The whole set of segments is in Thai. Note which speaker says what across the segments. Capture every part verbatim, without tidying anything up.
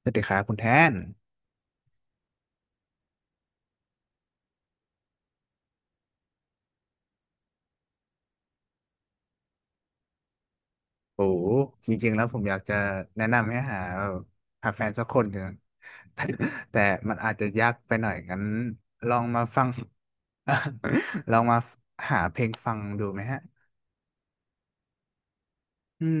Speaker 1: สวัสดีครับคุณแทนโอ้โหจริงๆแล้วผมอยากจะแนะนำให้หาหาแฟนสักคนหนึ่ง แต่แต่มันอาจจะยากไปหน่อยงั้นลองมาฟัง ลองมาหาเพลงฟังดูไหมฮะ อืม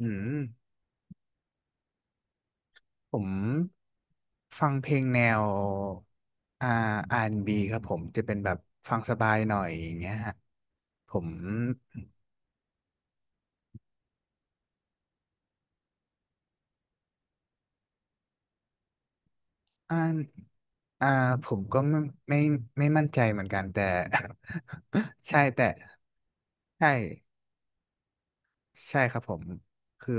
Speaker 1: อืมผมฟังเพลงแนวอ่า อาร์ แอนด์ บี ครับผม จะเป็นแบบฟังสบายหน่อยอย่างเงี้ยฮะ ผม อ่าอ่าผมก็ไม่ไม่ไม่มั่นใจเหมือนกันแต่ ใช่แต่ ใช่ ใช่ครับผมคือ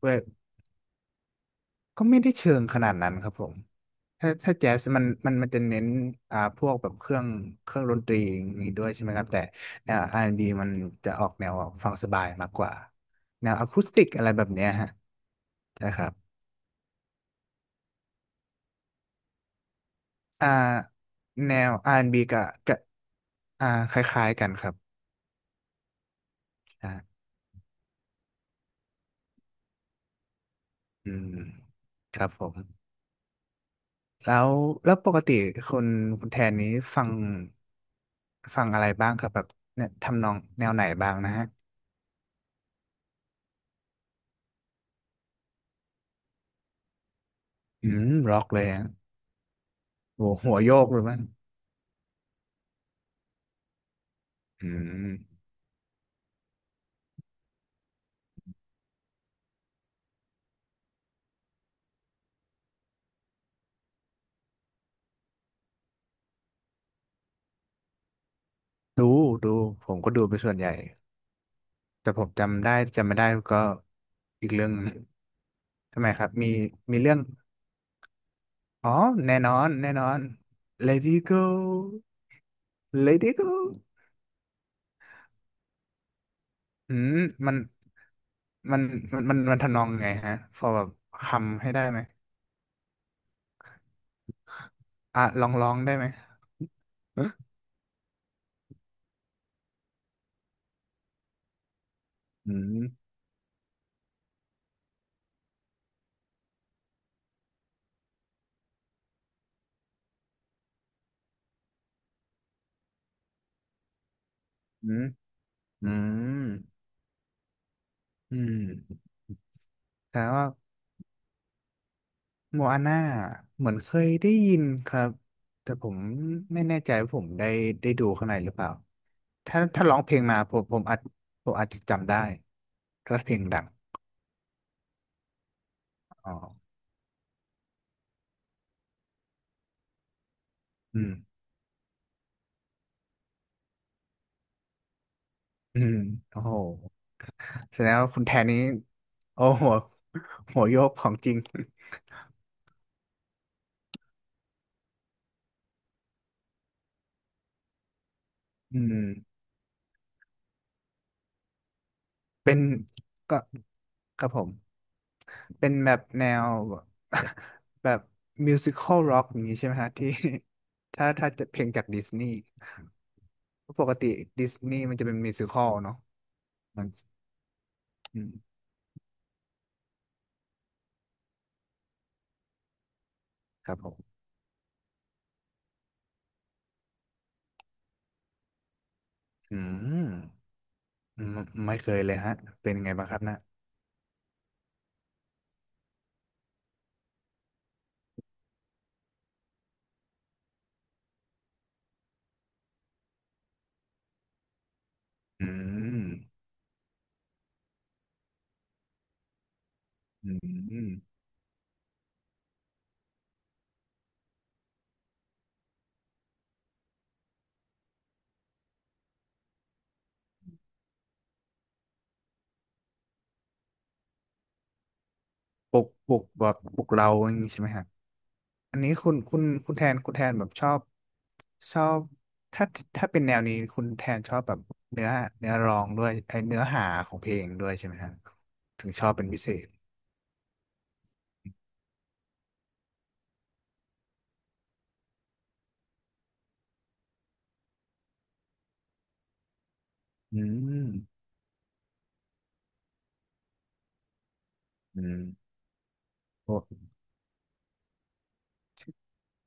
Speaker 1: เว้ยก็ไม่ได้เชิงขนาดนั้นครับผมถ้าถ้าแจ๊สมันมันมันจะเน้นอ่าพวกแบบเครื่องเครื่องดนตรีอย่างนี้ด้วยใช่ไหมครับแต่แนว อาร์ แอนด์ บี มันจะออกแนวฟังสบายมากกว่าแนวอะคูสติกอะไรแบบเนี้ยฮะใช่ครับอ่าแนว อาร์ แอนด์ บี กับกับอ่าคล้ายๆกันครับใช่อืมครับผมแล้วแล้วปกติคุณคุณแทนนี้ฟัง ฟังอะไรบ้างครับแบบเนี่ยทำนองแนวไหนบ้างนะฮะอืมร็อกเลยอะโหหัวโยกเลยมั้งอืมดูดู ผมก็ดูไปส่วนใหญ่ แต่ผมจำได้จำไม่ได้ก็อีกเรื่องหนึงทำไมครับมีมีเรื่อง อ๋อ แน่นอน แน่นอน Lady Go Lady Go อืมมันมันมันมันมันทำนองไงฮะพอแบบคำให้ได้ไหมอ่ะลองลองได้ไหมอืมอืมอืมอืมแต่ว่า โมอาน่าเหมือนเคยได้ยินครับ แต่ผมไม่แน่ใจว่าผมได้ได้ดูข้างในหรือเปล่าถ้าถ้าร้องเพลงมาผมผมอาจผมอาจจะจำได้ถ้าเพลงดัง อ๋ออืมอืมโอ้โหแสดงว่าคุณแทนนี้ โอ้โห หัวโยกของจริงอืมเป็นก็ครับผม เป็นแบบแนว แบบมิวสิคอลร็อกอย่างนี้ใช่ไหมฮะที่ ถ้าถ้าจะเพลงจากดิสนีย์ ปกติดิสนีย์มันจะเป็นมิวสิคอลเนาะมันอืมครับผมอืมไม่ไม่เคยเลยฮะเป็นยังไงบ้างครับนะอืมอืมปลุกปลุกแบบปลุกเราอย่างนี้ใช่ไหมฮะอันนี้คุณคุณคุณแทนคุณแทนแบบชอบชอบถ้าถ้าเป็นแนวนี้คุณแทนชอบแบบเนื้อเนื้อร้องด้วยไอเนื้อหาของเพลงด้วยใช่ไหมฮะถึงชอบเป็นพิเศษอืมอืมโอ้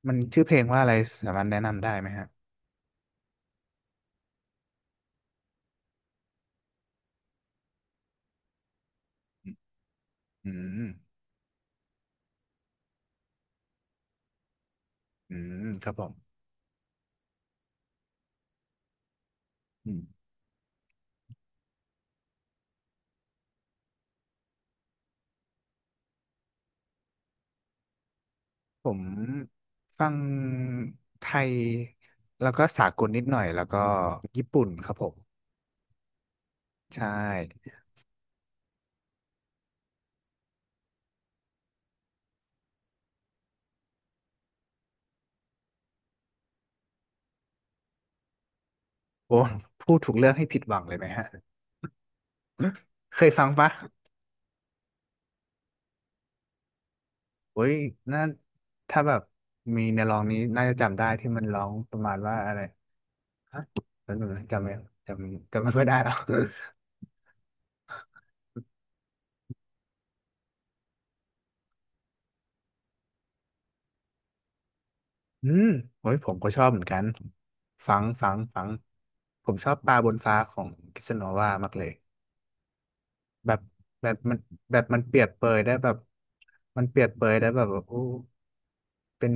Speaker 1: มันชื่อเพลงว่าอะไรสามารถแนะนำได้ไหมฮะอืม อืมครับผมอืมผมฟังไทยแล้วก็สากลนิดหน่อยแล้วก็ญี่ปุ่นครับผมใช่โอ้พูดถูกเลือกให้ผิดหวังเลยไหมฮะเคยฟังปะโอ้ยน่าถ้าแบบมีในร้องนี้น่าจะจำได้ที่มันร้องประมาณว่าอะไรฮะแล้วหนูจำไม่จำจำไม่ค่อยได้แล้ว อืมโอ้ยผมก็ชอบเหมือนกันฟังฟังฟังผมชอบปลาบนฟ้าของกิสโนวามากเลย แบบแบบมันแบบมันเปรียบเปรยได้แบบมันเปรียบเปรยได้แบบโอ้เป็น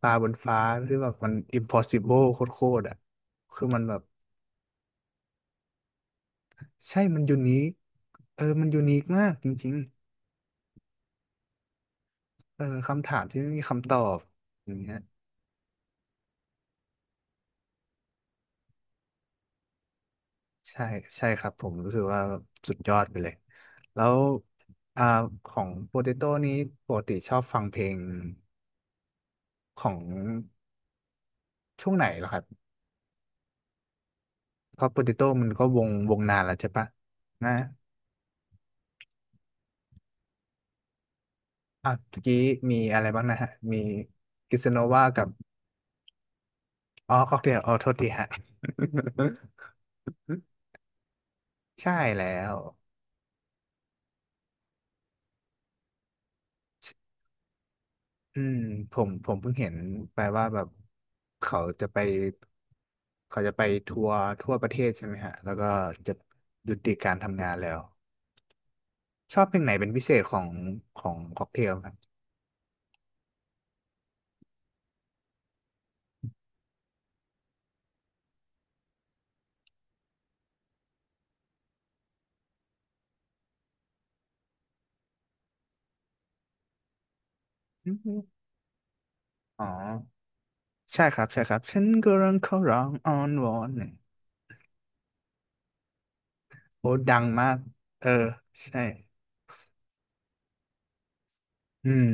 Speaker 1: ปลาบนฟ้าที่แบบมัน impossible โคตรๆอ่ะคือมันแบบใช่มันยูนิคเออมันยูนิคมากจริงๆเออคำถามที่ไม่มีคำตอบอย่างเงี้ยใช่ใช่ครับผมรู้สึกว่าสุดยอดไปเลยแล้วอ่าของโปเตโต้นี้ปกติชอบฟังเพลงของช่วงไหนเหรอครับเพราะโปเตโต้มันก็วงวงนานแล้วใช่ปะนะ อ่ะเมื่อกี้มีอะไรบ้างนะฮะมีกิสโนวากับอ๋อค็อกเทลอ๋อโทษทีฮะ ใช่แล้วอืมผมผมเพิ่งเห็นไปว่าแบบเขาจะไปเขาจะไปทัวร์ทั่วประเทศใช่ไหมฮะแล้วก็จะยุติการทำงานแล้วชอบเพลงไหนเป็นพิเศษของของค็อกเทลครับอืมอ๋อใช่ครับใช่ครับฉันก็รังเขาร้องอ้อนวอนเนี่ยโอ้ดังมากเออใช่อืม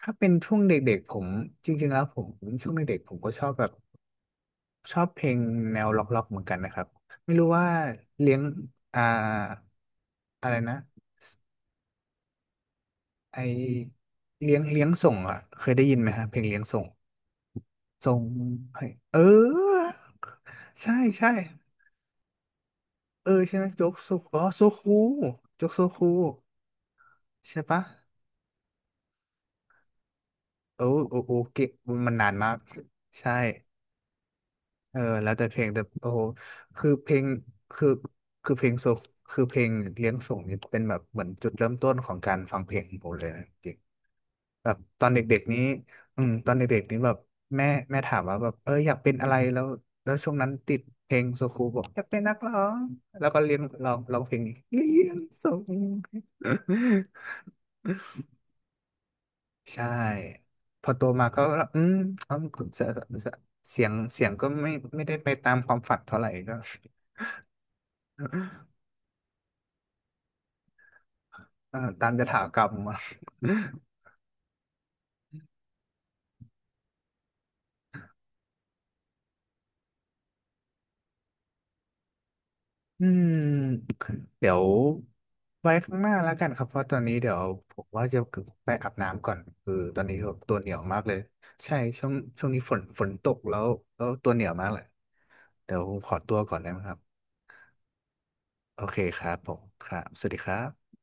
Speaker 1: ถ้าเป็นช่วงเด็กๆผมจริงๆแล้วผมช่วงเด็กๆผมก็ชอบแบบชอบเพลงแนวล็อกๆเหมือนกันนะครับไม่รู้ว่าเลี้ยงอ่าอะไรนะไอเลี้ยงเลี้ยงส่งอ่ะเคยได้ยินไหมฮะเพลงเลี้ยงส่งส่งให้เออใช่ใช่เออใช่ไหมโจ๊กโซอ๋อโซคูโจ๊กโซคูใช่ปะเออโอโอเกะมันนานมากใช่ เออแล้วแต่เพลงแต่โอ้โหคือเพลงคือคือเพลงโซคือเพลงเลี้ยงส่งนี่เป็นแบบเหมือนจุดเริ่มต้นของการฟังเพลงของผมเลยนะจริงแบบตอนเด็กๆนี้อืมตอนเด็กๆนี้แบบแม่แม่ถามว่าแบบเอออยากเป็นอะไรแล้วแล้วช่วงนั้นติดเพลงโซคูบอกอยากเป็นนักร้องแล้วก็เรียนร้องร้องเพลงนี้เลี้ยงส่ง ใช่พอโตมาก็อืมเขาเสียเสียงเสียงก็ไม่ไม่ได้ไปตามความฝันเท่าไหร่ก็ เอ่อตามยถากรรมอะอืมเดี๋ยวไว้ข้างหน้าแล้วกันครับเพราะตอนนี้เดี๋ยวผมว่าจะไปอาบน้ำก่อนคือตอนนี้แบบตัวเหนียวมากเลยใช่ช่วงช่วงนี้ฝนฝนตกแล้วแล้วตัวเหนียวมากเลยเดี๋ยวผมขอตัวก่อนได้ไหมครับโอเคครับผมครับสวัสดีครับ